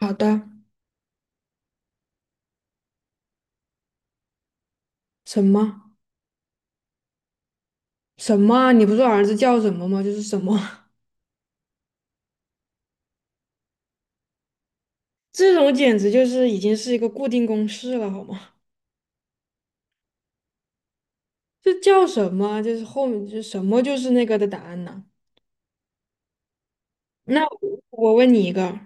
好的，什么什么啊你不说儿子叫什么吗？就是什么，这种简直就是已经是一个固定公式了，好吗？这叫什么啊？就是后面就什么就是那个的答案呢？那我问你一个。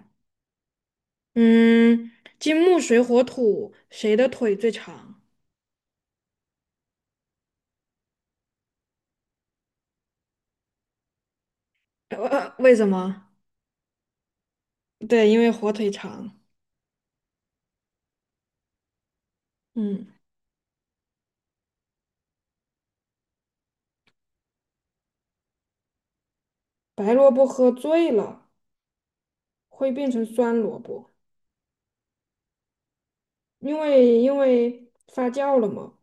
嗯，金木水火土，谁的腿最长？为什么？对，因为火腿肠。嗯，白萝卜喝醉了会变成酸萝卜，因为发酵了嘛。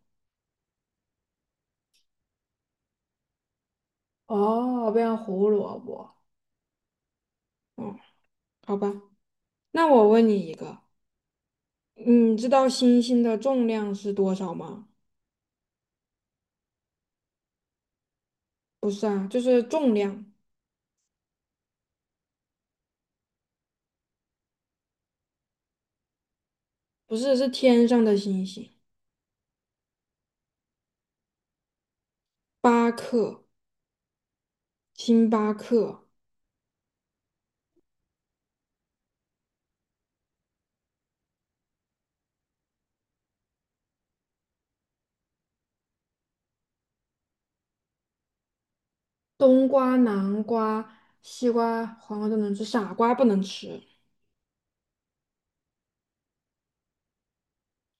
哦，变成胡萝卜。嗯，好吧。那我问你一个，你知道星星的重量是多少吗？不是啊，就是重量，不是，是天上的星星，八克，星巴克。冬瓜、南瓜、西瓜、黄瓜都能吃，傻瓜不能吃，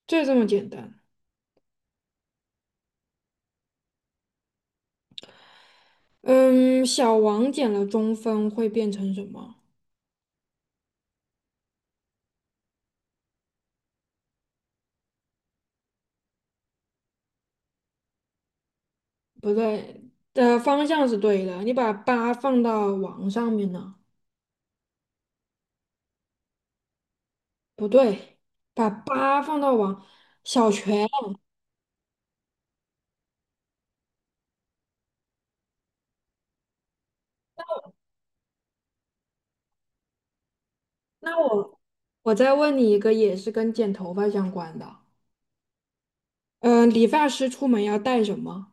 就这么简单。嗯，小王减了中分会变成什么？不对，的方向是对的，你把八放到王上面呢？不对，把八放到王，小全。那我。我再问你一个，也是跟剪头发相关的。嗯，理发师出门要带什么？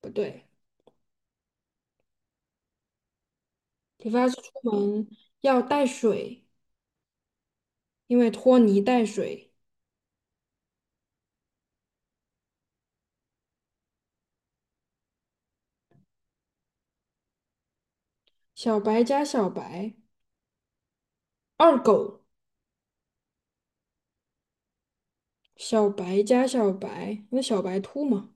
不对，理发师出门要带水，因为拖泥带水。小白加小白，二狗。小白加小白，那小白兔嘛？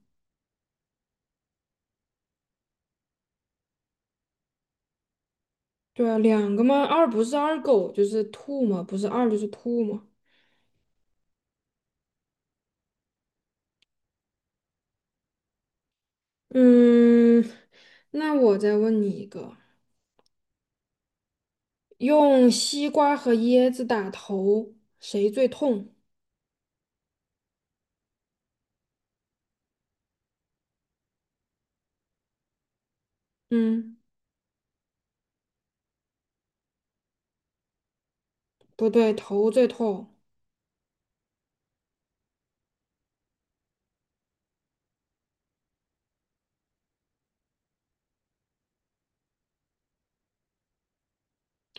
对啊，两个嘛，二不是二狗就是兔嘛，不是二就是兔嘛。嗯，那我再问你一个，用西瓜和椰子打头，谁最痛？嗯。不对，头最痛。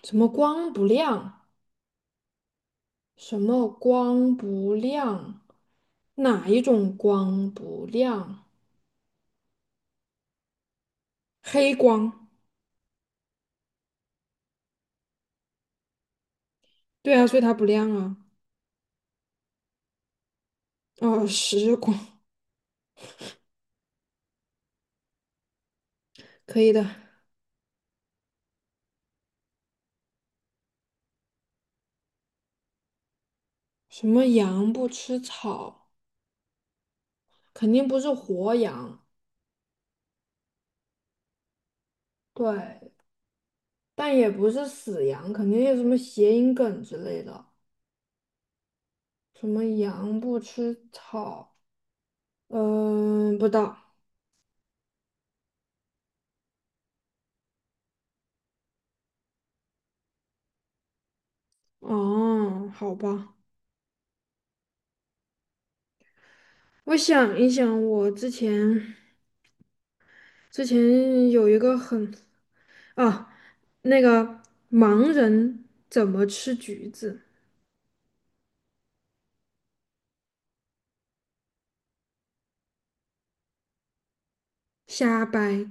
什么光不亮？什么光不亮？哪一种光不亮？黑光。对啊，所以它不亮啊。哦，实光，可以的。什么羊不吃草？肯定不是活羊，对，但也不是死羊，肯定有什么谐音梗之类的。什么羊不吃草？嗯、不知道。哦，好吧。我想一想，我之前有一个很啊，那个盲人怎么吃橘子？瞎掰。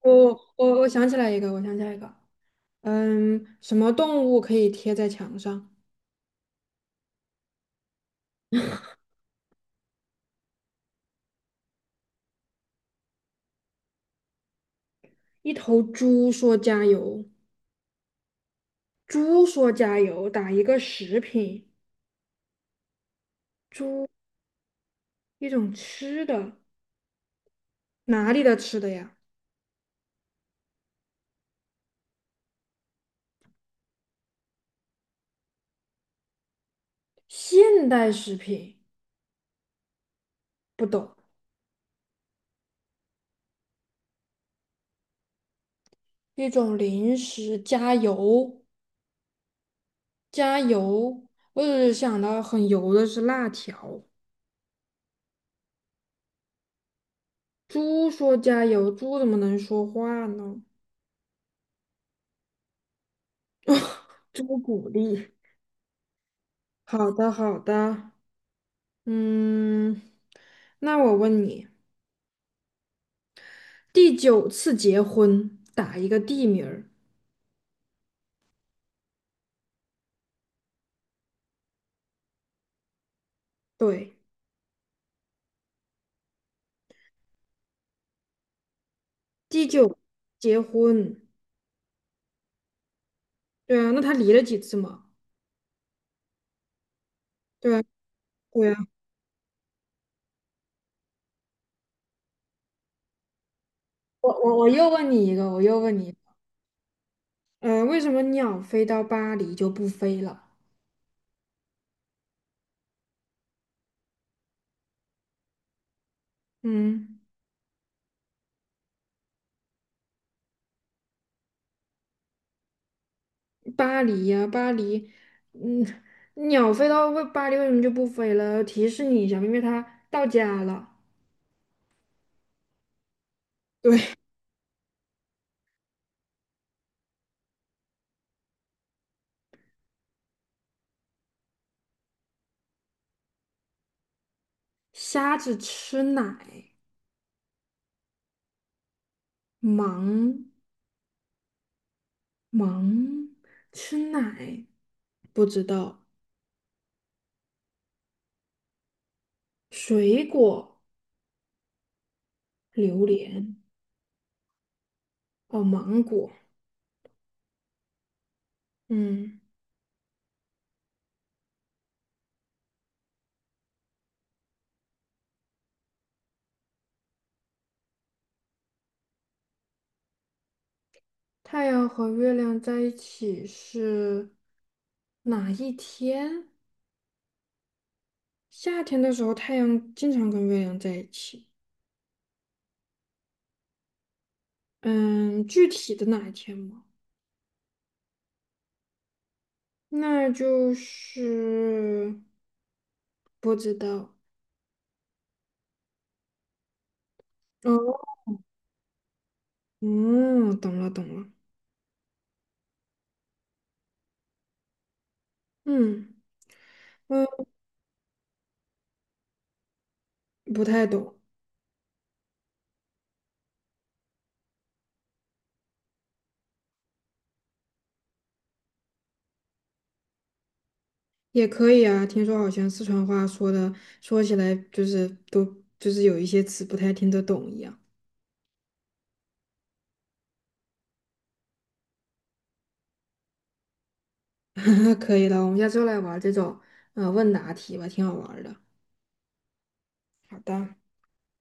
我我想起来一个，我想起来一个。嗯，什么动物可以贴在墙上？一头猪说加油，猪说加油，打一个食品，一种吃的，哪里的吃的呀？现代食品，不懂，一种零食，加油，加油。我只是想到很油的是辣条。猪说加油，猪怎么能说话呢？猪鼓励。好的，好的。嗯，那我问你，第九次结婚打一个地名儿，对，第九结婚，对啊，那他离了几次嘛？对啊，对啊。我又问你一个，我又问你，为什么鸟飞到巴黎就不飞了？嗯。巴黎呀、巴黎，嗯，鸟飞到为巴黎为什么就不飞了？提示你一下，因为它到家了。对，瞎子吃奶，忙忙吃奶，不知道。水果，榴莲，哦，芒果。嗯，太阳和月亮在一起是哪一天？夏天的时候，太阳经常跟月亮在一起。嗯，具体的哪一天吗？那就是不知道。哦，嗯，懂了。嗯嗯，不太懂，也可以啊。听说好像四川话说的，说起来就是就是有一些词不太听得懂一样。可以了，我们下次又来玩这种问答题吧，挺好玩儿的。好的。